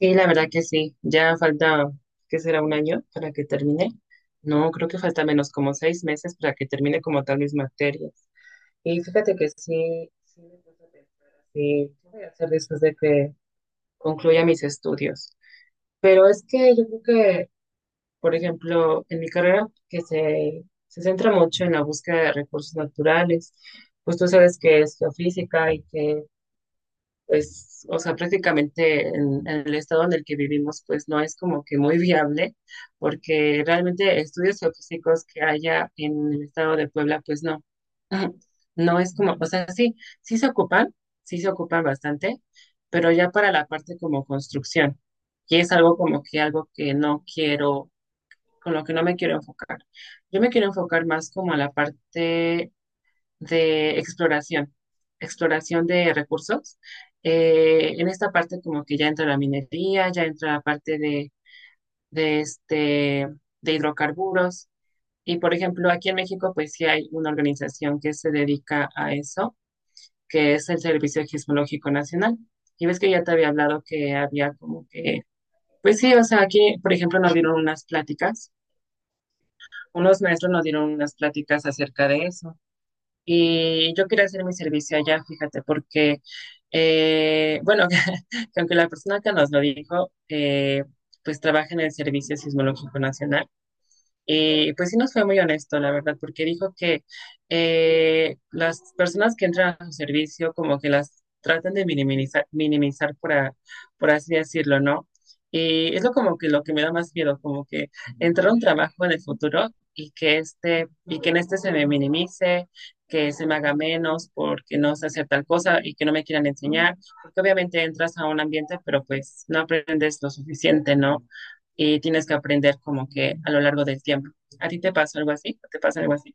Sí, la verdad que sí. Ya falta, ¿qué será? Un año para que termine. No, creo que falta menos como seis meses para que termine como tal mis materias. Y fíjate que sí, sí me puse a pensar así, ¿qué voy a hacer después de que concluya mis estudios? Pero es que yo creo que, por ejemplo, en mi carrera, que se centra mucho en la búsqueda de recursos naturales, pues tú sabes que es geofísica y que pues, o sea, prácticamente en el estado en el que vivimos, pues no es como que muy viable, porque realmente estudios geofísicos que haya en el estado de Puebla, pues no, no es como, o sea, sí, sí se ocupan, sí se ocupan bastante, pero ya para la parte como construcción, y es algo como que algo que no quiero, con lo que no me quiero enfocar. Yo me quiero enfocar más como a la parte de exploración, exploración de recursos. En esta parte como que ya entra la minería, ya entra la parte de, de, este, de hidrocarburos. Y por ejemplo, aquí en México pues sí hay una organización que se dedica a eso, que es el Servicio Geológico Nacional. Y ves que ya te había hablado que había como que, pues sí, o sea, aquí por ejemplo nos dieron unas pláticas, unos maestros nos dieron unas pláticas acerca de eso. Y yo quería hacer mi servicio allá, fíjate, porque, bueno, que aunque la persona que nos lo dijo, pues trabaja en el Servicio Sismológico Nacional. Y pues sí nos fue muy honesto, la verdad, porque dijo que las personas que entran a su servicio como que las tratan de minimizar, minimizar por, por así decirlo, ¿no? Y es lo como que lo que me da más miedo, como que entrar a un trabajo en el futuro y que este, y que en este se me minimice, que se me haga menos porque no sé hacer tal cosa y que no me quieran enseñar, porque obviamente entras a un ambiente, pero pues no aprendes lo suficiente, ¿no? Y tienes que aprender como que a lo largo del tiempo. ¿A ti te pasó algo así? ¿Te pasa algo así?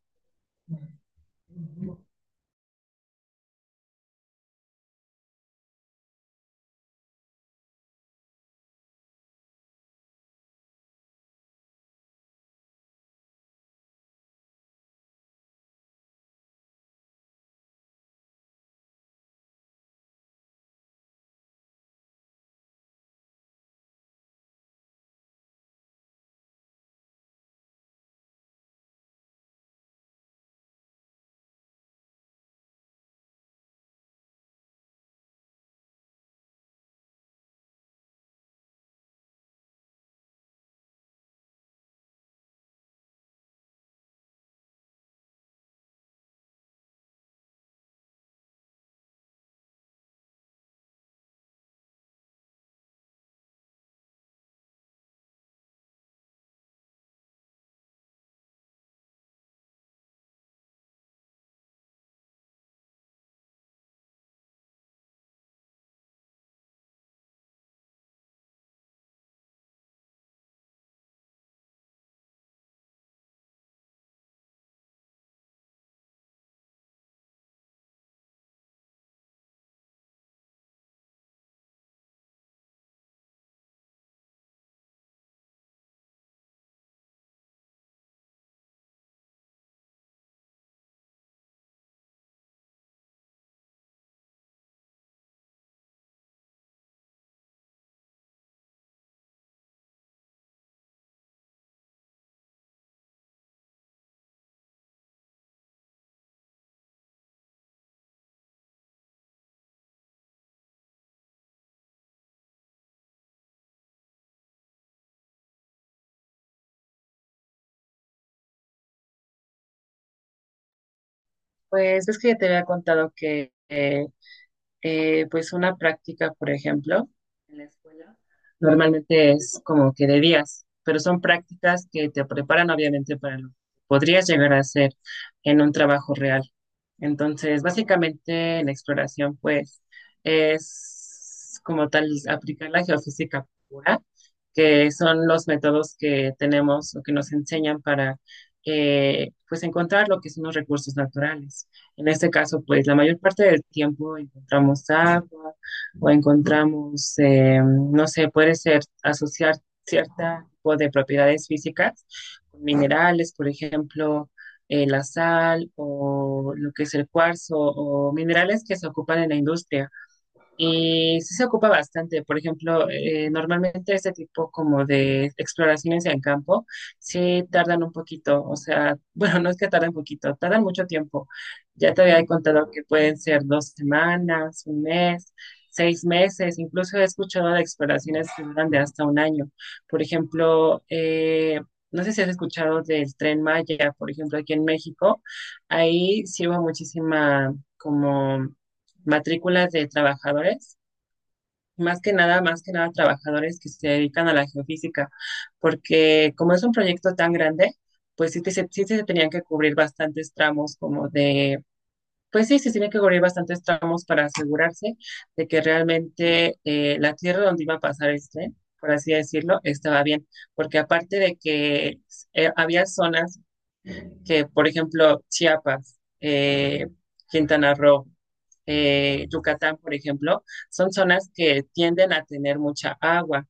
Pues ves que ya te había contado que pues una práctica, por ejemplo, en la escuela, normalmente es como que de días, pero son prácticas que te preparan obviamente para lo que podrías llegar a hacer en un trabajo real. Entonces, básicamente la exploración, pues, es como tal aplicar la geofísica pura, que son los métodos que tenemos o que nos enseñan para, pues, encontrar lo que son los recursos naturales. En este caso, pues la mayor parte del tiempo encontramos agua o encontramos, no sé, puede ser asociar cierto tipo de propiedades físicas, con minerales, por ejemplo, la sal o lo que es el cuarzo o minerales que se ocupan en la industria. Y sí se ocupa bastante. Por ejemplo, normalmente este tipo como de exploraciones en campo sí tardan un poquito. O sea, bueno, no es que tarden poquito, tardan mucho tiempo. Ya te había contado que pueden ser dos semanas, un mes, seis meses. Incluso he escuchado de exploraciones que duran de hasta un año. Por ejemplo, no sé si has escuchado del Tren Maya, por ejemplo, aquí en México. Ahí sí hubo muchísima como matrículas de trabajadores, más que nada trabajadores que se dedican a la geofísica, porque como es un proyecto tan grande, pues sí, sí, sí se tenían que cubrir bastantes tramos como de, pues sí, se tienen que cubrir bastantes tramos para asegurarse de que realmente la tierra donde iba a pasar el tren, por así decirlo, estaba bien, porque aparte de que había zonas que, por ejemplo, Chiapas, Quintana Roo, Yucatán, por ejemplo, son zonas que tienden a tener mucha agua.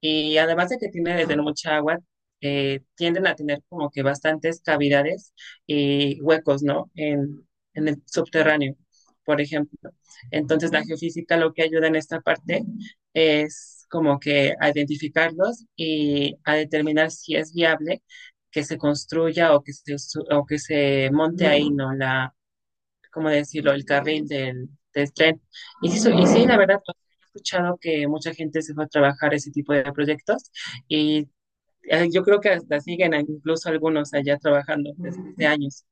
Y además de que tiene de tener mucha agua, tienden a tener como que bastantes cavidades y huecos, ¿no? En el subterráneo, por ejemplo. Entonces, la geofísica lo que ayuda en esta parte es como que a identificarlos y a determinar si es viable que se construya o que o que se monte ahí, ¿no? ¿Cómo decirlo? El carril del, del tren. Y sí, y sí, la verdad, pues, he escuchado que mucha gente se fue a trabajar ese tipo de proyectos y yo creo que hasta siguen incluso algunos allá trabajando desde hace años.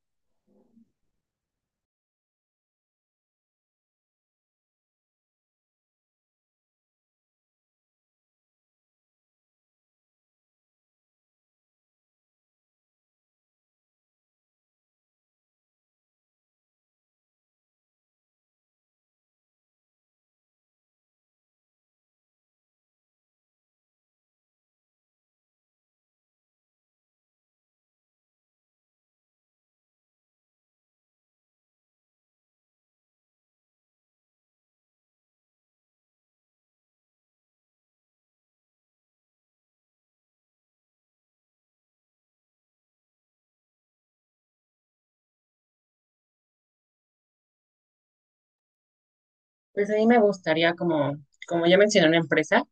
Pues a mí me gustaría, como, como ya mencioné, una empresa,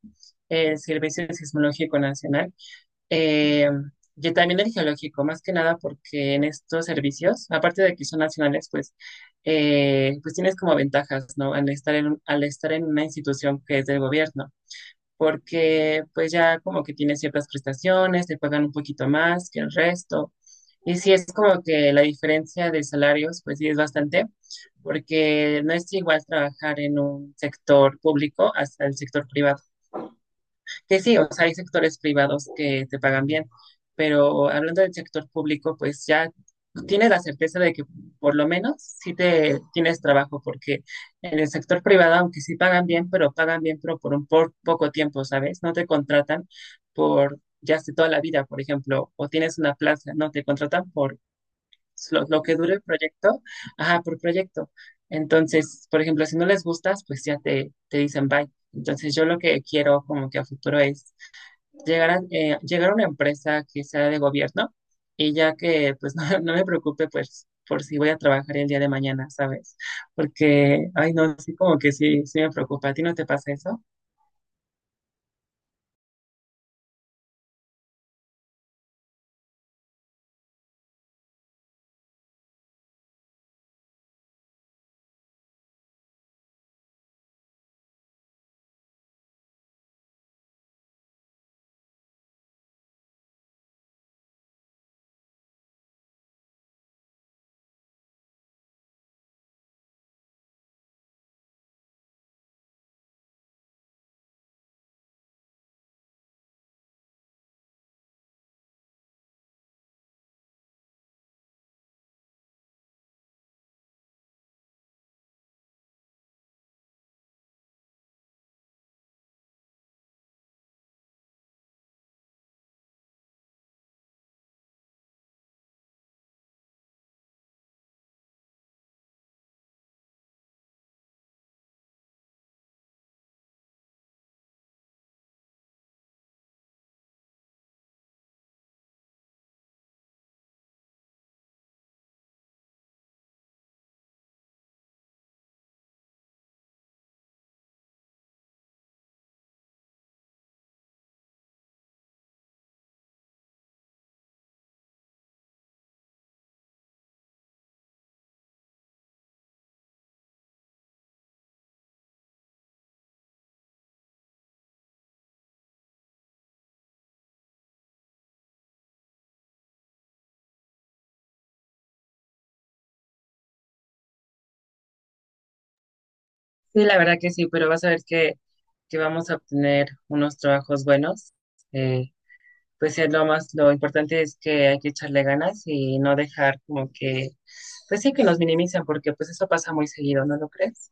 el Servicio Sismológico Nacional, eh, y también el geológico, más que nada porque en estos servicios, aparte de que son nacionales, pues pues tienes como ventajas, ¿no? Al estar en una institución que es del gobierno. Porque pues ya como que tiene ciertas prestaciones, te pagan un poquito más que el resto. Y sí es como que la diferencia de salarios, pues sí es bastante, porque no es igual trabajar en un sector público hasta el sector privado que sí, o sea, hay sectores privados que te pagan bien, pero hablando del sector público, pues ya tienes la certeza de que por lo menos sí te tienes trabajo, porque en el sector privado, aunque sí pagan bien, pero por poco tiempo, ¿sabes? No te contratan por ya hace toda la vida, por ejemplo, o tienes una plaza, no, te contratan por lo que dure el proyecto, ajá, por proyecto. Entonces, por ejemplo, si no les gustas, pues ya te dicen bye. Entonces, yo lo que quiero como que a futuro es llegar a, llegar a una empresa que sea de gobierno y ya que pues no, no me preocupe pues por si voy a trabajar el día de mañana, ¿sabes? Porque, ay no, sí como que sí, sí me preocupa. ¿A ti no te pasa eso? Sí, la verdad que sí, pero vas a ver que vamos a obtener unos trabajos buenos. Pues es lo más, lo importante es que hay que echarle ganas y no dejar como que, pues sí que nos minimizan, porque pues eso pasa muy seguido, ¿no lo crees?